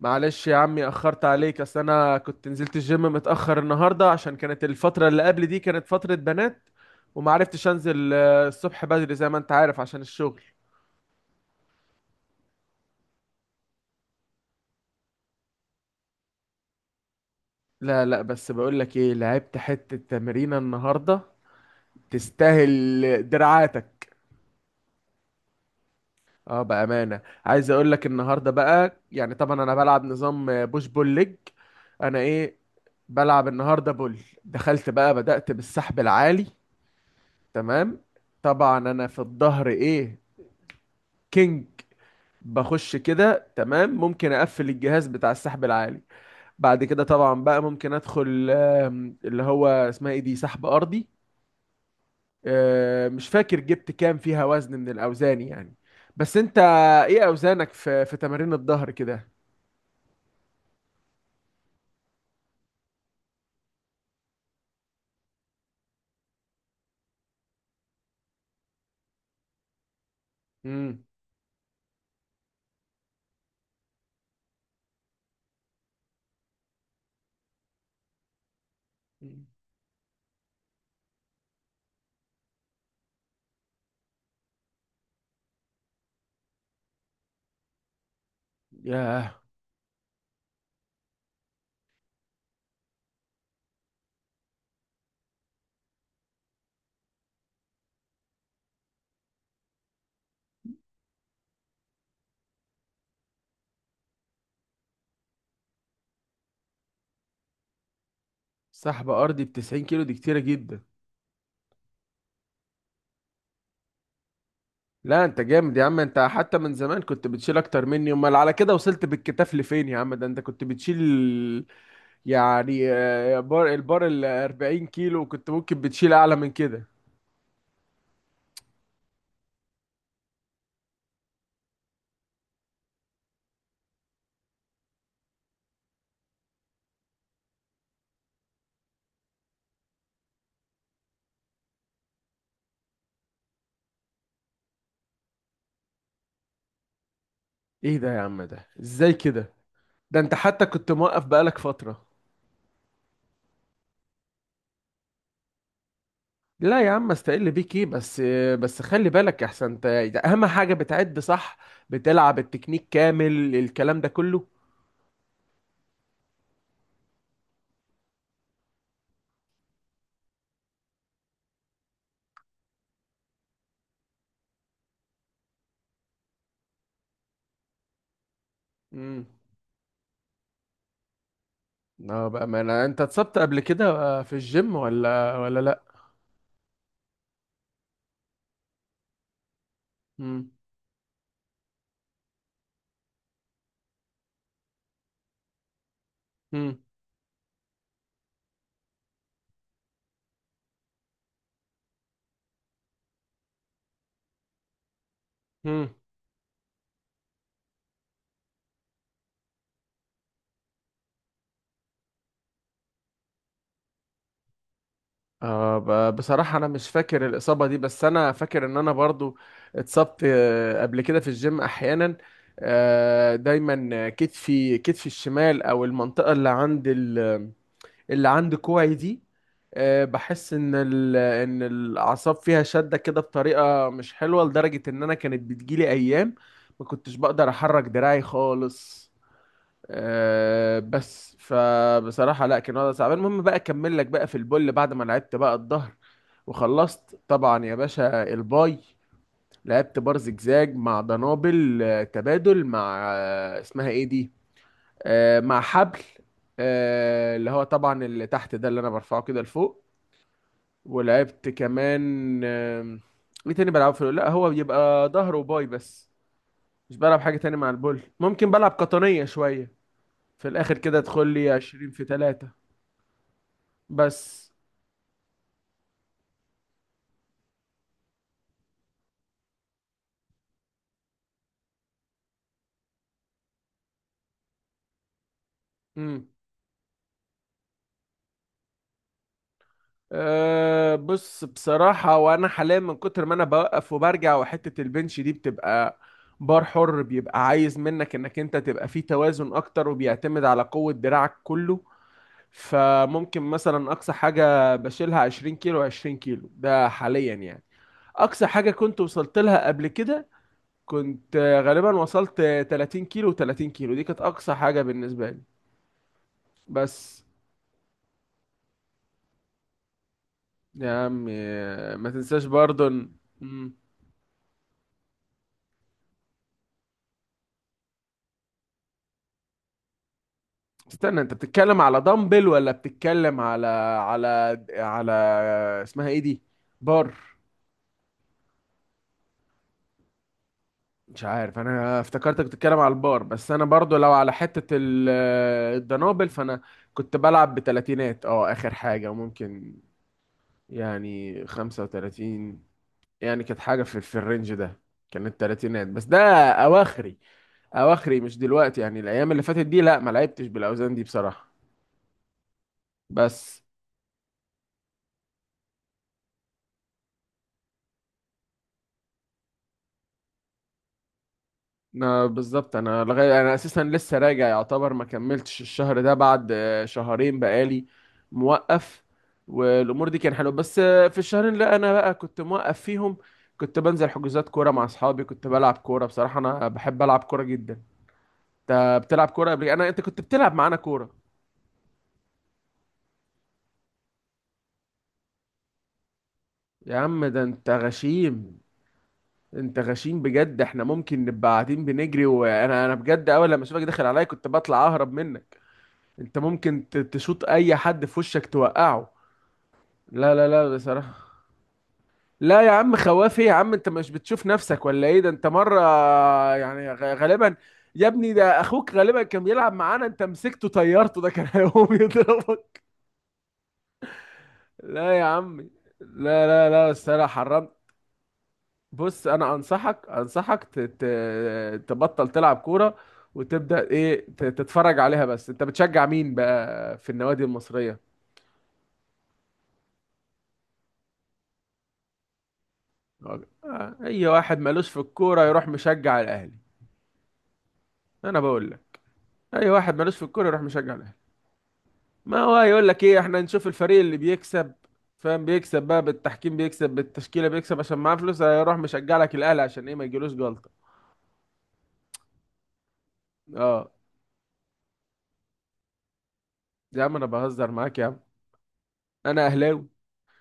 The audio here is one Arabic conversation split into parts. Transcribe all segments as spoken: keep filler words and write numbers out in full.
معلش يا عمي، اخرت عليك. اصل انا كنت نزلت الجيم متاخر النهارده عشان كانت الفتره اللي قبل دي كانت فتره بنات، وما عرفتش انزل آه، الصبح بدري زي ما انت عارف عشان الشغل. لا، لا، بس بقول لك ايه، لعبت حته تمرينه النهارده. تستاهل دراعاتك. اه بامانه، عايز اقول لك النهارده بقى، يعني طبعا انا بلعب نظام آه، بوش بول ليج. انا ايه؟ بلعب النهارده بول. دخلت بقى، بدأت بالسحب العالي. تمام. طبعا انا في الظهر ايه؟ كينج. بخش كده، تمام، ممكن اقفل الجهاز بتاع السحب العالي. بعد كده طبعا بقى، ممكن ادخل آم، اللي هو اسمها ايه، دي سحب ارضي. آه، مش فاكر جبت كام فيها وزن من الاوزان يعني. بس انت، ايه اوزانك في في تمارين الظهر كده؟ امم. ياه! سحب ارضي ب تسعين كيلو دي كتيره جدا. لا انت جامد يا عم، انت حتى من زمان كنت بتشيل اكتر مني، امال على كده وصلت بالكتاف لفين يا عم، ده انت كنت بتشيل يعني آه، بار، البار ال اربعين كيلو كنت ممكن بتشيل اعلى من كده. ايه ده يا عم، ده ازاي كده؟ ده انت حتى كنت موقف بقالك فترة. لا يا عم، استقل بيك ايه؟ بس آه، بس خلي بالك يا، احسن انت، ده اهم حاجة، بتعد صح، بتلعب التكنيك كامل، الكلام ده كله. امم. اه بقى، ما انا انت اتصبت قبل كده آه، في الجيم ولا ولا لا؟ امم. امم. آه، ب- بصراحة أنا مش فاكر الإصابة دي، بس أنا فاكر إن أنا برضو اتصبت آه، قبل كده في الجيم أحيانا. آه، دايما كتفي كتفي الشمال، أو المنطقة اللي عند ال- اللي عند كوعي دي. آه، بحس إن ال- إن الأعصاب فيها شدة كده بطريقة مش حلوة، لدرجة إن أنا كانت بتجيلي أيام ما كنتش بقدر أحرك دراعي خالص. أه، بس فبصراحة لا، كان وضع صعب. المهم بقى، اكمل لك بقى في البول بعد ما لعبت بقى الظهر وخلصت. طبعا يا باشا الباي، لعبت بار زجزاج مع دنابل آه، تبادل مع آه، اسمها ايه دي، آه، مع حبل، آه، اللي هو طبعا اللي تحت ده، اللي انا برفعه كده لفوق. ولعبت كمان آم، ايه تاني بلعبه في ال- لا، هو بيبقى ظهر وباي بس. مش بلعب حاجة تاني مع البول، ممكن بلعب قطنية شوية في الاخر كده. ادخل لي عشرين في تلاته بس. امم. أه بص، بصراحة وأنا حاليا من كتر ما أنا بوقف وبرجع، وحتة البنش دي بتبقى بار حر، بيبقى عايز منك إنك أنت تبقى فيه توازن أكتر، وبيعتمد على قوة دراعك كله. فممكن مثلا أقصى حاجة بشيلها عشرين كيلو، عشرين كيلو ده حاليا يعني. أقصى حاجة كنت وصلت لها قبل كده، كنت آه، غالبا وصلت آه، تلاتين كيلو، تلاتين كيلو دي كانت أقصى حاجة بالنسبة لي. بس يا عمي، ما تنساش برضو إن- مم. استنى، انت بتتكلم على دمبل ولا بتتكلم على على على اسمها ايه دي، بار؟ مش عارف، انا افتكرتك بتتكلم على البار، بس انا برضو لو على حتة ال- الدنابل، فانا كنت بلعب بتلاتينات اه، اخر حاجة، وممكن يعني خمسة وتلاتين. يعني كانت حاجة في في الرينج ده، كانت تلاتينات بس. ده اواخري، اواخري مش دلوقتي، يعني الايام اللي فاتت دي لا، ما لعبتش بالاوزان دي بصراحة. بس أنا بالظبط، انا لغايه، انا اساسا لسه راجع يعتبر، ما كملتش الشهر ده بعد، آه، شهرين بقالي موقف، والامور دي كان حلوه، بس آه، في الشهرين اللي انا بقى كنت موقف فيهم، كنت بنزل حجوزات كوره مع اصحابي، كنت بلعب كوره، بصراحه انا بحب العب كوره جدا. انت بتلعب كوره قبل؟ انا، انت كنت بتلعب معانا كوره؟ يا عم، ده انت غشيم، انت غشيم بجد. احنا ممكن نبقى قاعدين بنجري، وانا انا بجد، اول لما اشوفك داخل عليا كنت بطلع اهرب منك. انت ممكن ت- تشوط اي حد في وشك توقعه. لا، لا، لا، بصراحة. لا يا عم، خوافي يا عم؟ انت مش بتشوف نفسك ولا ايه؟ ده انت مرة يعني غ- غالبا، يا ابني ده اخوك غالبا كان بيلعب معانا، انت مسكته طيرته، ده كان هيقوم يضربك. لا يا عمي، لا، لا، لا، بس انا حرمت. بص، انا انصحك انصحك ت- ت- تبطل تلعب كورة، وتبدأ ايه، ت- تتفرج عليها بس. انت بتشجع مين بقى في النوادي المصرية؟ آه، اي واحد مالوش في الكورة يروح مشجع الاهلي. انا بقول لك، اي واحد مالوش في الكوره يروح مشجع الاهلي. ما هو يقول لك ايه، احنا نشوف الفريق اللي بيكسب. فاهم، بيكسب بقى بالتحكيم، بيكسب بالتشكيله، بيكسب عشان معاه فلوس، هيروح مشجع لك الاهلي عشان ايه، ما يجيلوش جلطه. اه يا عم، انا بهزر معاك يا عم. انا اهلاوي.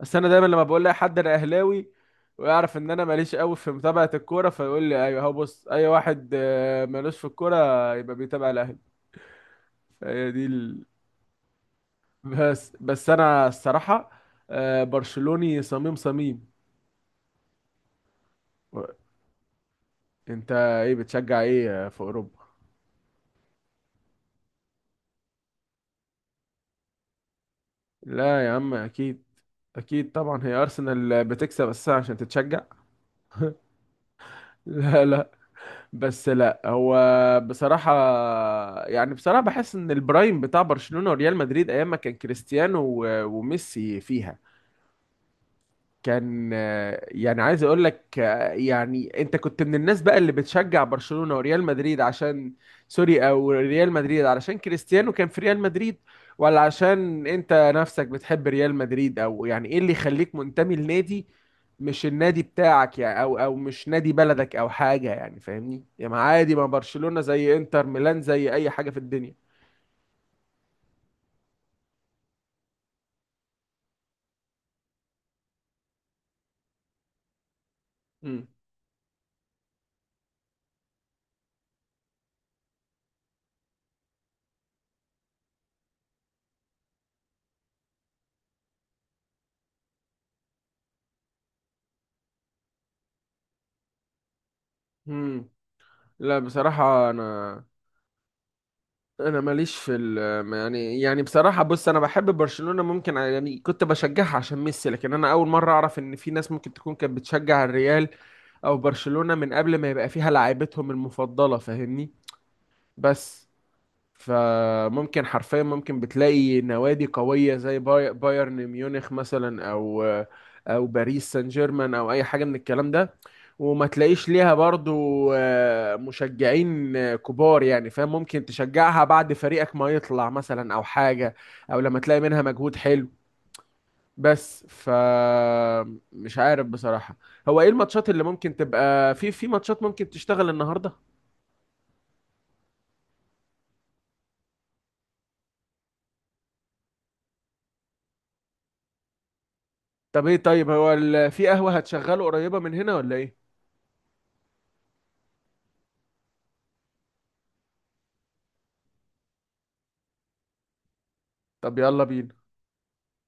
بس انا دايما لما بقول لاي حد انا اهلاوي، ويعرف ان انا ماليش قوي في متابعه الكوره، فيقول لي ايوه اهو، بص اي واحد آه، مالوش في الكوره يبقى بيتابع الاهلي. فهي دي ال... بس بس انا الصراحه آه، برشلوني، صميم صميم. انت ايه بتشجع ايه في اوروبا؟ لا يا عم، اكيد، اكيد طبعا، هي ارسنال بتكسب اساسا عشان تتشجع؟ لا، لا، بس لا، هو بصراحة، يعني بصراحة بحس ان البرايم بتاع برشلونة وريال مدريد، ايام ما كان كريستيانو و- وميسي فيها، كان آه، يعني عايز اقول لك، آه، يعني انت كنت من الناس بقى اللي بتشجع برشلونة وريال مدريد عشان، سوري، او ريال مدريد علشان كريستيانو كان في ريال مدريد. ولا عشان انت نفسك بتحب ريال مدريد، او يعني ايه اللي يخليك منتمي لنادي مش النادي بتاعك يعني، او او مش نادي بلدك، او حاجة يعني، فاهمني يعني؟ عادي، ما برشلونة زي انتر ميلان، زي اي حاجة في الدنيا. امم. امم. لا بصراحة، انا انا ماليش في ال يعني يعني بصراحه بص، انا بحب برشلونه، ممكن ع- يعني كنت بشجعها عشان ميسي، لكن انا اول مره اعرف ان في ناس ممكن تكون كانت بتشجع الريال او برشلونه من قبل ما يبقى فيها لعيبتهم المفضله، فاهمني؟ بس، فممكن حرفيا ممكن بتلاقي نوادي قوية زي باي- بايرن ميونخ مثلا، او او باريس سان جيرمان، او اي حاجة من الكلام ده، وما تلاقيش ليها برضو آه، مشجعين آه، كبار يعني. فاهم؟ ممكن تشجعها بعد فريقك ما يطلع مثلا، او حاجة، او لما تلاقي منها مجهود حلو بس. ف، مش عارف بصراحة، هو ايه الماتشات اللي ممكن تبقى، في في ماتشات ممكن تشتغل النهاردة؟ طب ايه، طيب هو ال... في قهوة هتشغله قريبة من هنا ولا ايه؟ طب يلا بينا.